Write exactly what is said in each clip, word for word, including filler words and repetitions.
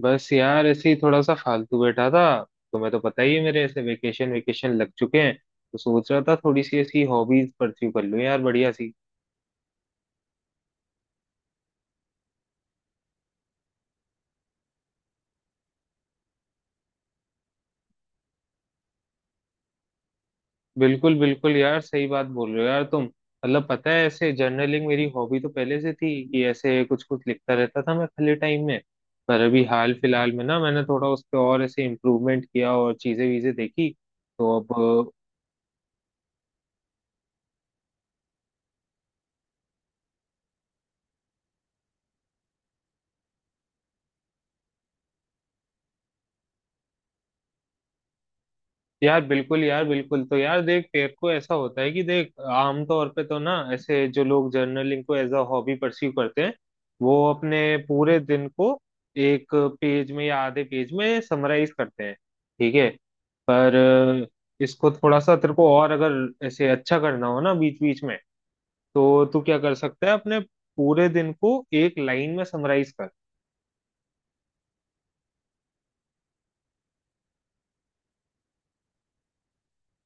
बस यार ऐसे ही थोड़ा सा फालतू बैठा था। तुम्हें तो पता ही है मेरे ऐसे वेकेशन वेकेशन लग चुके हैं। तो सोच रहा था थोड़ी सी ऐसी हॉबीज परस्यू कर लूं यार बढ़िया सी। बिल्कुल बिल्कुल यार सही बात बोल रहे हो यार तुम। मतलब पता है ऐसे जर्नलिंग मेरी हॉबी तो पहले से थी कि ऐसे कुछ कुछ लिखता रहता था मैं खाली टाइम में। पर अभी हाल फिलहाल में ना मैंने थोड़ा उस पर और ऐसे इम्प्रूवमेंट किया और चीजें वीजें देखी। तो अब यार बिल्कुल यार बिल्कुल। तो यार देख तेरे को ऐसा होता है कि देख आमतौर पे तो ना ऐसे जो लोग जर्नलिंग को एज अ हॉबी परस्यू करते हैं वो अपने पूरे दिन को एक पेज में या आधे पेज में समराइज करते हैं। ठीक है। पर अ, इसको थोड़ा सा तेरे को और अगर ऐसे अच्छा करना हो ना बीच बीच में तो तू क्या कर सकता है अपने पूरे दिन को एक लाइन में समराइज कर।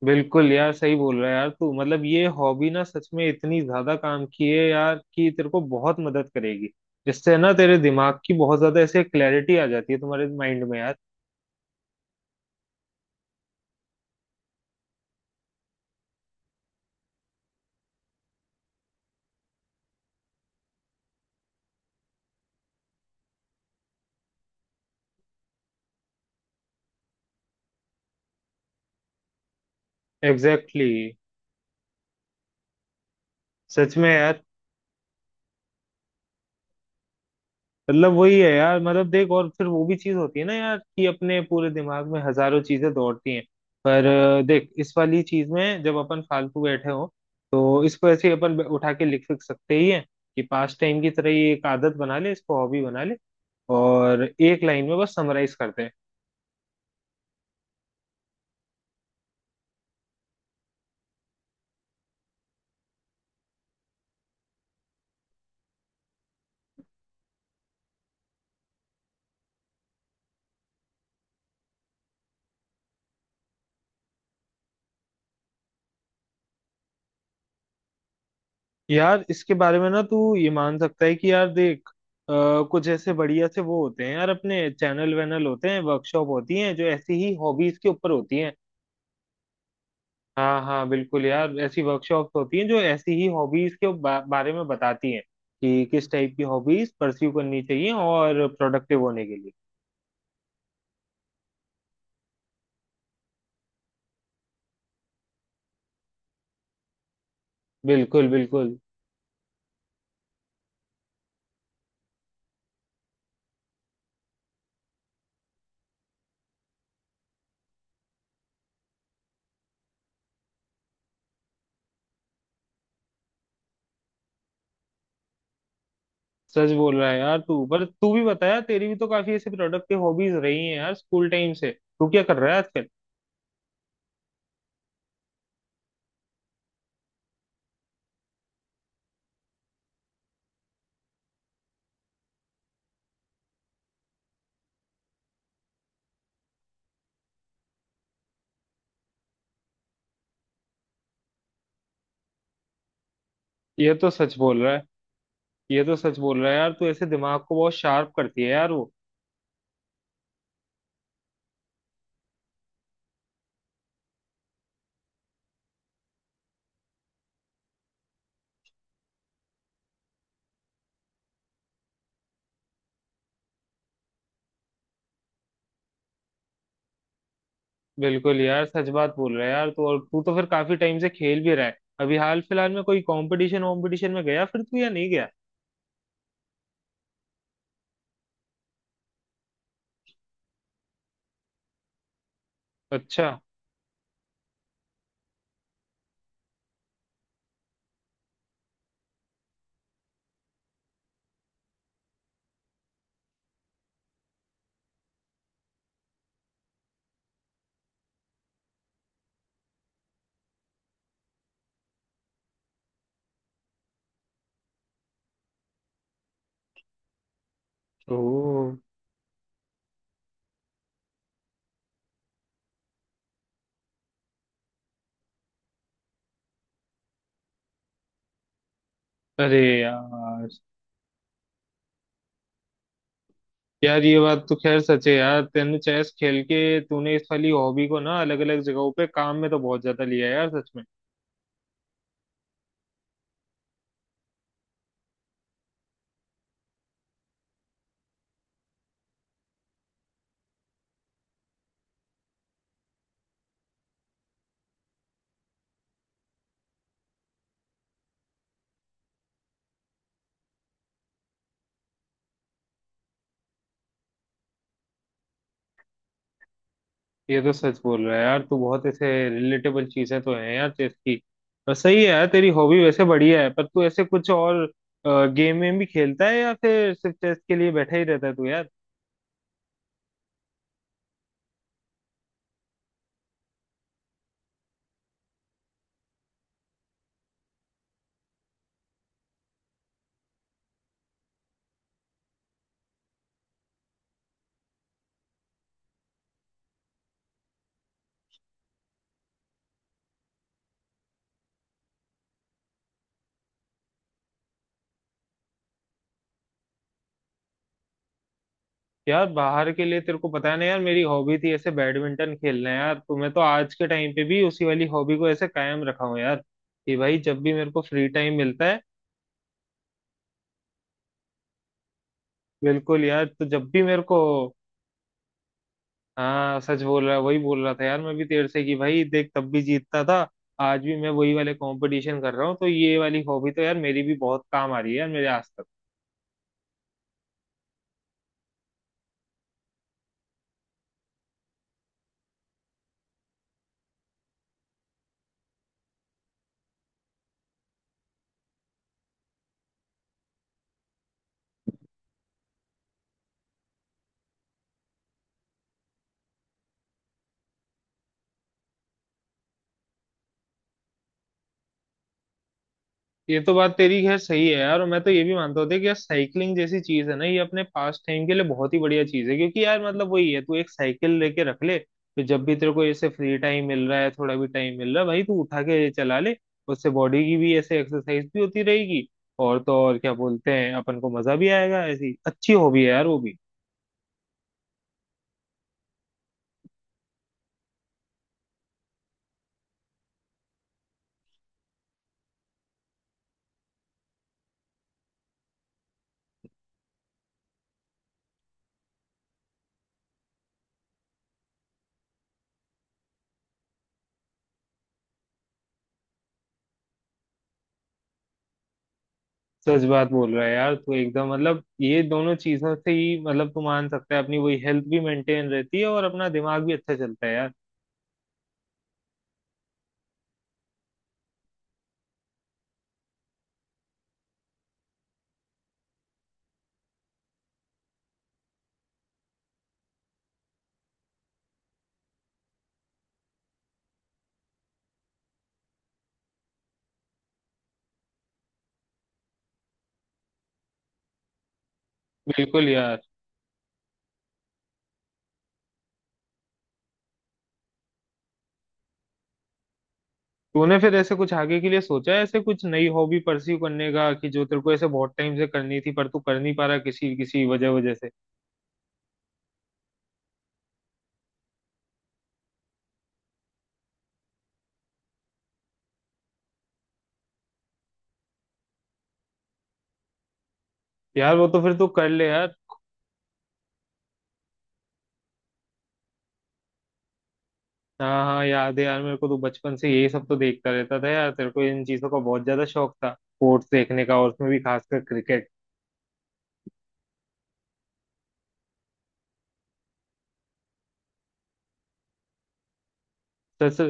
बिल्कुल यार सही बोल रहा है यार तू। मतलब ये हॉबी ना सच में इतनी ज्यादा काम की है यार कि तेरे को बहुत मदद करेगी। जिससे ना तेरे दिमाग की बहुत ज्यादा ऐसे क्लैरिटी आ जाती है तुम्हारे माइंड में यार। Exactly exactly। सच में यार। मतलब वही है यार। मतलब देख और फिर वो भी चीज होती है ना यार कि अपने पूरे दिमाग में हजारों चीजें दौड़ती हैं। पर अ, देख इस वाली चीज में जब अपन फालतू बैठे हो तो इसको ऐसे ही अपन उठा के लिख लिख सकते ही हैं। कि पास्ट टाइम की तरह ये एक आदत बना ले इसको हॉबी बना ले और एक लाइन में बस समराइज करते हैं। यार इसके बारे में ना तू ये मान सकता है कि यार देख अ, कुछ ऐसे बढ़िया से वो होते हैं यार अपने चैनल वैनल होते हैं वर्कशॉप होती हैं जो ऐसी ही हॉबीज के ऊपर होती हैं। हाँ हाँ बिल्कुल यार ऐसी वर्कशॉप होती हैं जो ऐसी ही हॉबीज के बा, बारे में बताती हैं कि किस टाइप की हॉबीज परस्यू करनी चाहिए और प्रोडक्टिव होने के लिए। बिल्कुल बिल्कुल। सच बोल रहा है यार तू। पर तू भी बताया तेरी भी तो काफी ऐसी प्रोडक्टिव हॉबीज रही हैं यार स्कूल टाइम से। तू क्या कर रहा है आजकल। ये तो सच बोल रहा है। ये तो सच बोल रहा है यार तू ऐसे दिमाग को बहुत शार्प करती है यार वो। बिल्कुल यार सच बात बोल रहा है यार तू। और तू तो फिर काफी टाइम से खेल भी रहा है। अभी हाल फिलहाल में कोई कंपटीशन वॉम्पिटिशन में गया फिर तू या नहीं गया। अच्छा। ओ। अरे यार। यार ये बात तो खैर सच है यार। तेने चेस खेल के तूने इस वाली हॉबी को ना अलग अलग जगहों पे काम में तो बहुत ज्यादा लिया है यार सच में। ये तो सच बोल रहा है यार तू बहुत ऐसे रिलेटेबल चीजें तो हैं यार चेस की। और सही है यार तेरी हॉबी वैसे बढ़िया है। पर तू ऐसे कुछ और गेम में भी खेलता है या फिर सिर्फ चेस के लिए बैठा ही रहता है तू यार। यार बाहर के लिए तेरे को पता नहीं यार मेरी हॉबी थी ऐसे बैडमिंटन खेलना यार। तो मैं तो आज के टाइम पे भी उसी वाली हॉबी को ऐसे कायम रखा हूँ यार कि भाई जब भी मेरे को फ्री टाइम मिलता है। बिल्कुल यार तो जब भी मेरे को। हाँ सच बोल रहा। वही बोल रहा था यार मैं भी तेर से कि भाई देख तब भी जीतता था आज भी मैं वही वाले कंपटीशन कर रहा हूँ। तो ये वाली हॉबी तो यार मेरी भी बहुत काम आ रही है यार मेरे आज तक। ये तो बात तेरी खैर सही है यार। और मैं तो ये भी मानता होता कि यार साइकिलिंग जैसी चीज है ना ये अपने पास टाइम के लिए बहुत ही बढ़िया चीज है। क्योंकि यार मतलब वही है तू एक साइकिल लेके रख ले तो जब भी तेरे को ऐसे फ्री टाइम मिल रहा है थोड़ा भी टाइम मिल रहा है भाई तू उठा के चला ले। उससे बॉडी की भी ऐसे एक्सरसाइज भी होती रहेगी। और तो और क्या बोलते हैं अपन को मजा भी आएगा। ऐसी अच्छी हॉबी है यार वो भी। सच बात बोल रहा है यार तू एकदम। मतलब ये दोनों चीजों से ही मतलब तू मान सकता है अपनी वही हेल्थ भी मेंटेन रहती है और अपना दिमाग भी अच्छा चलता है यार। बिल्कुल यार। तूने फिर ऐसे कुछ आगे के लिए सोचा है ऐसे कुछ नई हॉबी परस्यू करने का कि जो तेरे को ऐसे बहुत टाइम से करनी थी पर तू कर नहीं पा रहा किसी किसी वजह वजह से। यार वो तो फिर तू कर ले यार। हाँ हाँ याद है यार मेरे को तो बचपन से यही सब तो देखता रहता था यार। तेरे को इन चीजों का बहुत ज्यादा शौक था स्पोर्ट्स देखने का और उसमें भी खासकर क्रिकेट। सच।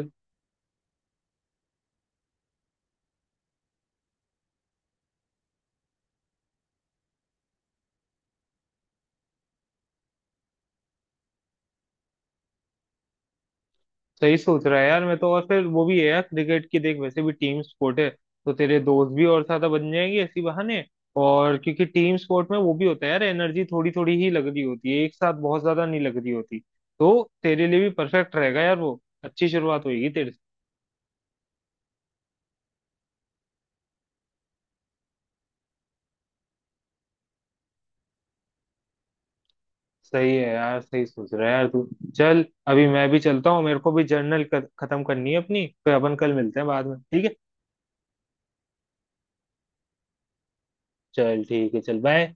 सही सोच रहा है यार मैं तो। और फिर वो भी है यार क्रिकेट की देख वैसे भी टीम स्पोर्ट है तो तेरे दोस्त भी और ज्यादा बन जाएंगे इसी बहाने। और क्योंकि टीम स्पोर्ट में वो भी होता है यार एनर्जी थोड़ी थोड़ी ही लग रही होती है एक साथ बहुत ज्यादा नहीं लग रही होती। तो तेरे लिए भी परफेक्ट रहेगा यार वो अच्छी शुरुआत होगी तेरे से। सही है यार सही सोच रहा है यार तू। चल अभी मैं भी चलता हूँ मेरे को भी जर्नल खत्म करनी है अपनी फिर अपन कल मिलते हैं बाद में ठीक है। चल ठीक है चल बाय।